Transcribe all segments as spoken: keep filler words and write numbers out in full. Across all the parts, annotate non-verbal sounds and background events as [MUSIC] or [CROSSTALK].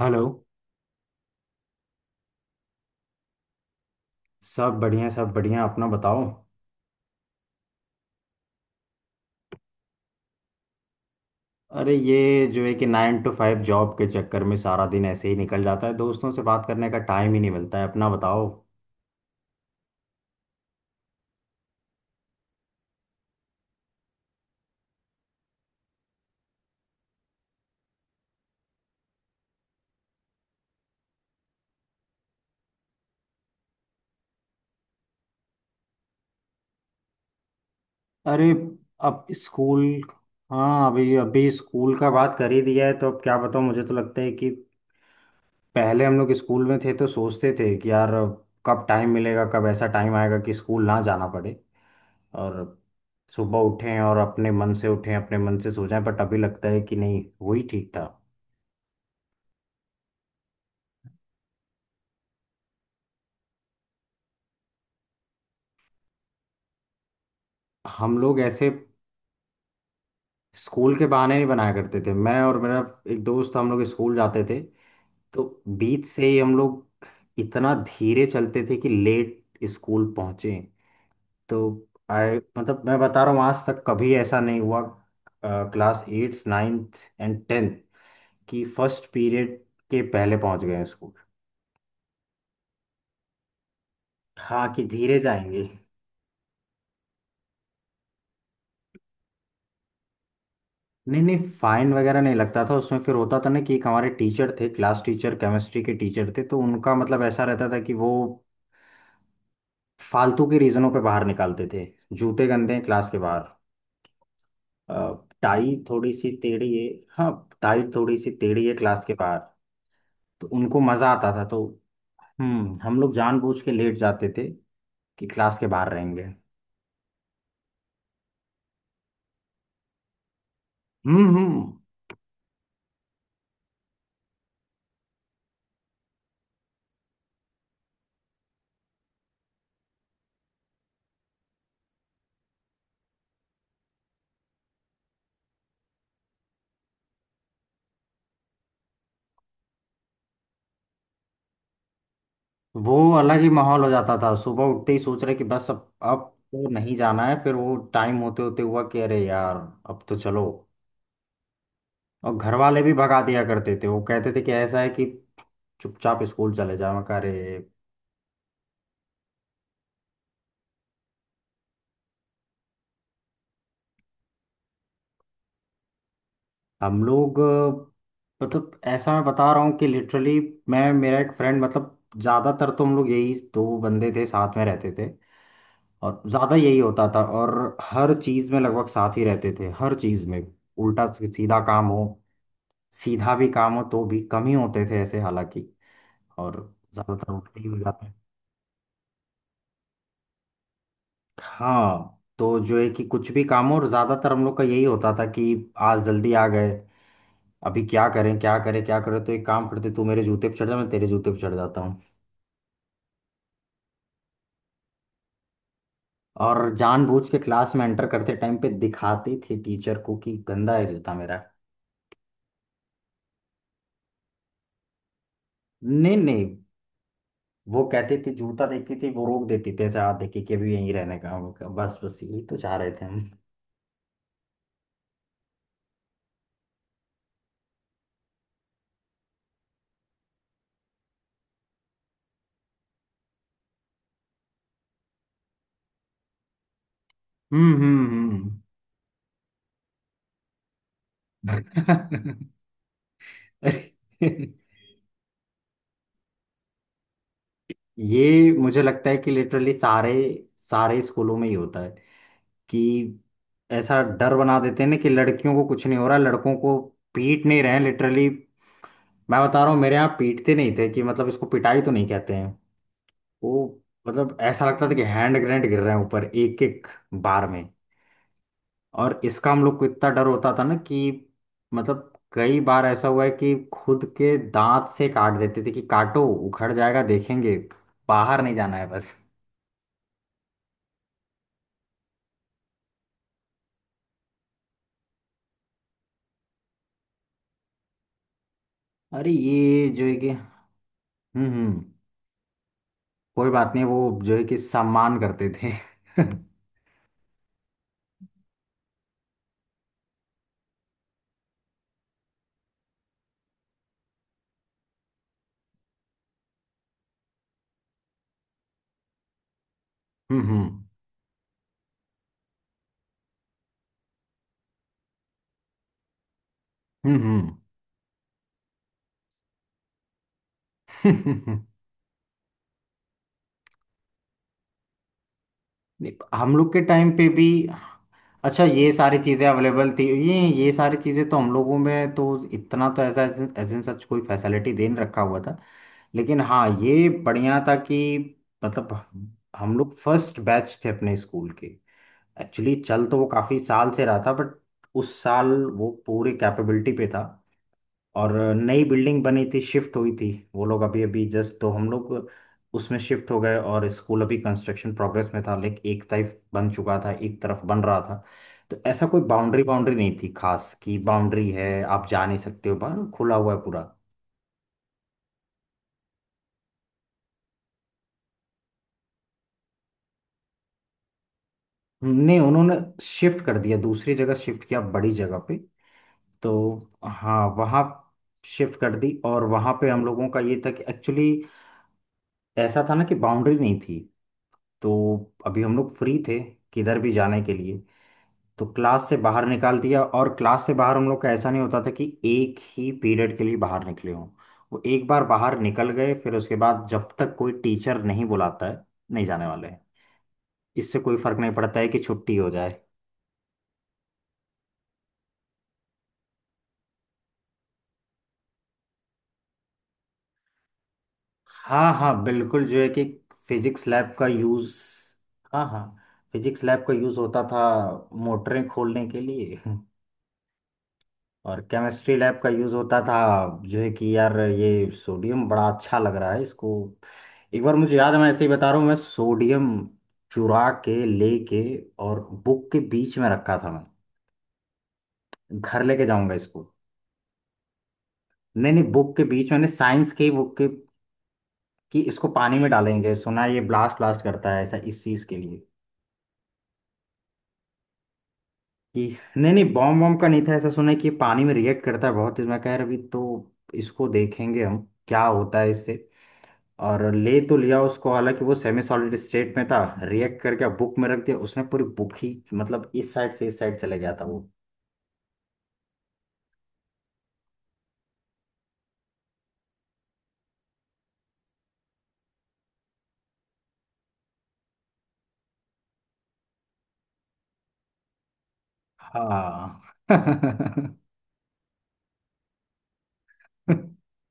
Hello. सब बढ़िया सब बढ़िया अपना बताओ। अरे ये जो है कि नाइन टू फाइव जॉब के चक्कर में सारा दिन ऐसे ही निकल जाता है, दोस्तों से बात करने का टाइम ही नहीं मिलता है। अपना बताओ। अरे अब स्कूल। हाँ अभी अभी स्कूल का बात कर ही दिया है तो अब क्या बताऊँ, मुझे तो लगता है कि पहले हम लोग स्कूल में थे तो सोचते थे कि यार कब टाइम मिलेगा, कब ऐसा टाइम आएगा कि स्कूल ना जाना पड़े और सुबह उठें और अपने मन से उठें अपने मन से सो जाएं। बट अभी लगता है कि नहीं वही ठीक था। हम लोग ऐसे स्कूल के बहाने नहीं बनाया करते थे। मैं और मेरा एक दोस्त हम लोग स्कूल जाते थे, तो बीच से ही हम लोग इतना धीरे चलते थे कि लेट स्कूल पहुंचे। तो आई मतलब मैं बता रहा हूँ आज तक कभी ऐसा नहीं हुआ class eighth ninth and tenth की फर्स्ट पीरियड के पहले पहुंच गए स्कूल। हाँ कि धीरे जाएंगे। नहीं नहीं फाइन वगैरह नहीं लगता था, उसमें फिर होता था ना कि एक हमारे टीचर थे, क्लास टीचर, केमिस्ट्री के टीचर थे, तो उनका मतलब ऐसा रहता था कि वो फालतू के रीजनों पे बाहर निकालते थे। जूते गंदे हैं, क्लास के बाहर। अ, टाई थोड़ी सी टेढ़ी है। हाँ टाई थोड़ी सी टेढ़ी है, क्लास के बाहर। तो उनको मजा आता था, तो हम्म हम लोग जानबूझ के लेट जाते थे कि क्लास के बाहर रहेंगे। हम्म हम्म वो अलग ही माहौल हो जाता था सुबह उठते ही सोच रहे कि बस अब अब तो नहीं जाना है फिर वो टाइम होते होते हुआ कि अरे यार अब तो चलो और घर वाले भी भगा दिया करते थे वो कहते थे कि ऐसा है कि चुपचाप स्कूल चले जाओ मैं कहा, अरे हम लोग अ, मतलब ऐसा मैं बता रहा हूँ कि लिटरली मैं मेरा एक फ्रेंड मतलब ज़्यादातर तो हम लोग यही दो बंदे थे साथ में रहते थे और ज़्यादा यही होता था और हर चीज़ में लगभग साथ ही रहते थे हर चीज़ में उल्टा सीधा काम हो सीधा भी काम हो तो भी कम ही होते थे ऐसे हालांकि और ज़्यादातर उल्टे ही हो जाते हैं हाँ तो जो है कि कुछ भी काम हो और ज़्यादातर हम लोग का यही होता था कि आज जल्दी आ गए अभी क्या करें क्या करें क्या करें तो एक काम करते तू मेरे जूते पे चढ़ जा मैं तेरे जूते पे चढ़ जाता हूँ और जानबूझ के क्लास में एंटर करते टाइम पे दिखाती थी टीचर को कि गंदा है जूता मेरा नहीं नहीं वो कहती थी जूता देखती थी वो रोक देती थी ऐसे हाथ देखी कि अभी यहीं रहने का हम लोग। बस बस यही तो चाह रहे थे हम हम्म हम्म हम्म। [LAUGHS] ये मुझे लगता है कि लिटरली सारे सारे स्कूलों में ही होता है कि ऐसा डर बना देते हैं ना कि लड़कियों को कुछ नहीं हो रहा, लड़कों को पीट नहीं रहे हैं। लिटरली मैं बता रहा हूँ मेरे यहाँ पीटते नहीं थे कि, मतलब इसको पिटाई तो नहीं कहते हैं वो, मतलब ऐसा लगता था कि हैंड ग्रेनेड गिर रहे हैं ऊपर एक एक बार में। और इसका हम लोग को इतना डर होता था ना कि मतलब कई बार ऐसा हुआ है कि खुद के दांत से काट देते थे कि काटो उखड़ जाएगा देखेंगे, बाहर नहीं जाना है बस। अरे ये जो है कि हम्म हम्म कोई बात नहीं, वो जो है कि सम्मान करते थे। [LAUGHS] हम्म। हम्म हम्म हम्म। [LAUGHS] नहीं, हम लोग के टाइम पे भी अच्छा ये सारी चीजें अवेलेबल थी। ये ये सारी चीजें तो हम लोगों में तो इतना तो ऐसा एज इन सच कोई फैसिलिटी दे नहीं रखा हुआ था, लेकिन हाँ ये बढ़िया था कि मतलब हम लोग फर्स्ट बैच थे अपने स्कूल के। एक्चुअली चल तो वो काफी साल से रहा था, बट उस साल वो पूरी कैपेबिलिटी पे था और नई बिल्डिंग बनी थी, शिफ्ट हुई थी। वो लोग अभी अभी जस्ट, तो हम लोग उसमें शिफ्ट हो गए और स्कूल अभी कंस्ट्रक्शन प्रोग्रेस में था, लेकिन एक तरफ बन चुका था एक तरफ बन रहा था, तो ऐसा कोई बाउंड्री बाउंड्री नहीं थी खास कि बाउंड्री है आप जा नहीं सकते हो, बाहर खुला हुआ है पूरा। नहीं उन्होंने शिफ्ट कर दिया, दूसरी जगह शिफ्ट किया बड़ी जगह पे। तो हाँ वहाँ शिफ्ट कर दी और वहाँ पे हम लोगों का ये था कि एक्चुअली ऐसा था ना कि बाउंड्री नहीं थी, तो अभी हम लोग फ्री थे किधर भी जाने के लिए। तो क्लास से बाहर निकाल दिया और क्लास से बाहर हम लोग का ऐसा नहीं होता था कि एक ही पीरियड के लिए बाहर निकले हों। वो एक बार बाहर निकल गए फिर उसके बाद जब तक कोई टीचर नहीं बुलाता है नहीं जाने वाले हैं, इससे कोई फर्क नहीं पड़ता है कि छुट्टी हो जाए। हाँ हाँ बिल्कुल, जो है कि फिजिक्स लैब का यूज़। हाँ हाँ फिजिक्स लैब का यूज़ होता था मोटरें खोलने के लिए। [LAUGHS] और केमिस्ट्री लैब का यूज़ होता था जो है कि यार ये सोडियम बड़ा अच्छा लग रहा है इसको। एक बार मुझे याद है, मैं ऐसे ही बता रहा हूँ, मैं सोडियम चुरा के लेके और बुक के बीच में रखा था, मैं घर लेके जाऊंगा इसको। नहीं नहीं बुक के बीच में, साइंस के बुक के, कि इसको पानी में डालेंगे, सुना है ये ब्लास्ट ब्लास्ट करता है ऐसा, इस चीज़ के लिए। कि नहीं नहीं बॉम्ब बॉम्ब का नहीं था ऐसा, सुना है कि ये पानी में रिएक्ट करता है बहुत तेज, मैं कह रहा अभी तो इसको देखेंगे हम क्या होता है इससे। और ले तो लिया उसको, हालांकि वो सेमी सॉलिड स्टेट में था, रिएक्ट करके बुक में रख दिया उसने, पूरी बुक ही मतलब इस साइड से इस साइड चले गया था वो। हाँ। [LAUGHS]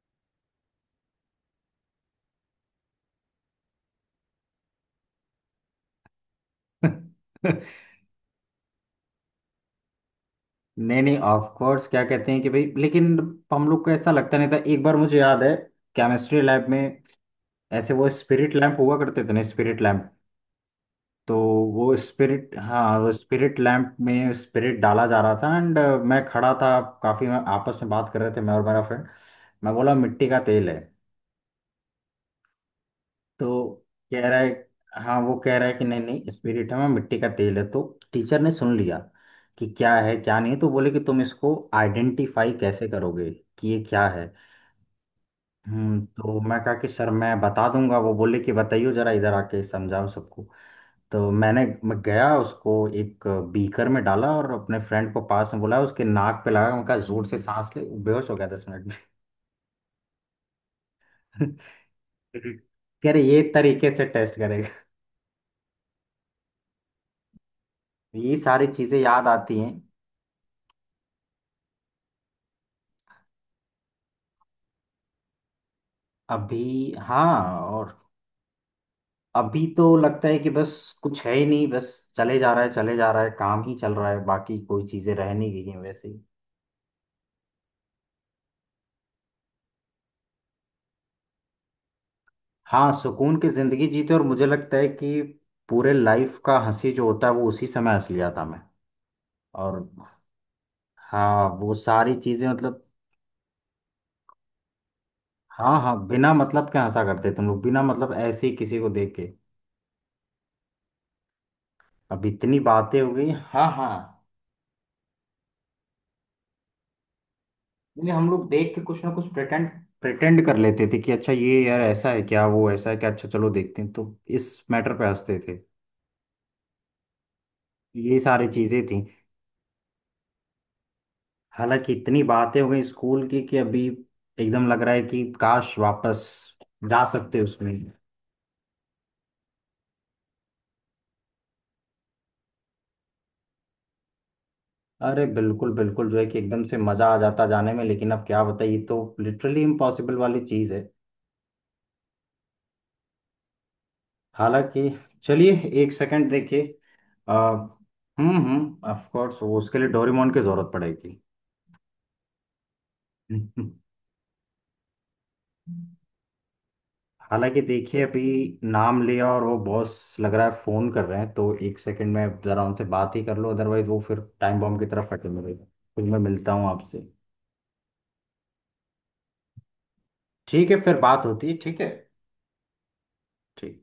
नहीं नहीं ऑफ कोर्स, क्या कहते हैं कि भाई, लेकिन हम लोग को ऐसा लगता नहीं था। एक बार मुझे याद है केमिस्ट्री लैब में ऐसे वो स्पिरिट लैंप हुआ करते थे ना, स्पिरिट लैंप। तो वो स्पिरिट, हाँ वो स्पिरिट लैंप में स्पिरिट डाला जा रहा था एंड मैं खड़ा था, काफ़ी आपस में बात कर रहे थे मैं और मेरा फ्रेंड। मैं बोला मिट्टी का तेल है, तो कह रहा है, हाँ वो कह रहा है कि नहीं नहीं स्पिरिट है, मैं मिट्टी का तेल है, तो टीचर ने सुन लिया कि क्या है क्या नहीं, तो बोले कि तुम इसको आइडेंटिफाई कैसे करोगे कि ये क्या है। हम्म तो मैं कहा कि सर मैं बता दूंगा, वो बोले कि बताइए जरा इधर आके समझाओ सबको। तो मैंने मैं गया, उसको एक बीकर में डाला और अपने फ्रेंड को पास में बुलाया, उसके नाक पे लगा, मैं कहा जोर से सांस ले। बेहोश हो गया दस मिनट में। [LAUGHS] फिर कह रहे ये तरीके से टेस्ट करेगा। ये सारी चीजें याद आती हैं। अभी, हाँ, और अभी तो लगता है कि बस कुछ है ही नहीं, बस चले जा रहा है चले जा रहा है, काम ही चल रहा है, बाकी कोई चीजें रह नहीं गई हैं वैसे। हाँ सुकून की जिंदगी जीते, और मुझे लगता है कि पूरे लाइफ का हंसी जो होता है वो उसी समय हंस लिया था मैं। और हाँ वो सारी चीजें मतलब, हाँ हाँ बिना मतलब के हंसा करते तुम लोग, बिना मतलब ऐसे ही किसी को देख के। अब इतनी बातें हो गई, हाँ हाँ यानी हम लोग देख के कुछ ना कुछ प्रिटेंड प्रिटेंड कर लेते थे कि अच्छा ये यार ऐसा है क्या वो ऐसा है क्या, अच्छा चलो देखते हैं, तो इस मैटर पे हंसते थे। ये सारी चीजें थी। हालांकि इतनी बातें हो गई स्कूल की कि अभी एकदम लग रहा है कि काश वापस जा सकते उसमें। अरे बिल्कुल बिल्कुल जो है कि एकदम से मजा आ जाता जाने में, लेकिन अब क्या बताइए, तो लिटरली इम्पॉसिबल वाली चीज है। हालांकि चलिए एक सेकंड देखिए। अ, हम्म हम्म, ऑफ कोर्स उसके लिए डोरेमोन की जरूरत पड़ेगी। [LAUGHS] हालांकि देखिए अभी नाम लिया और वो बॉस लग रहा है फोन कर रहे हैं, तो एक सेकंड में जरा उनसे बात ही कर लो, अदरवाइज वो फिर टाइम बॉम्ब की तरफ फटे मिलेगा। फिर मैं मिलता हूँ आपसे, ठीक है फिर बात होती है। ठीक है। ठीक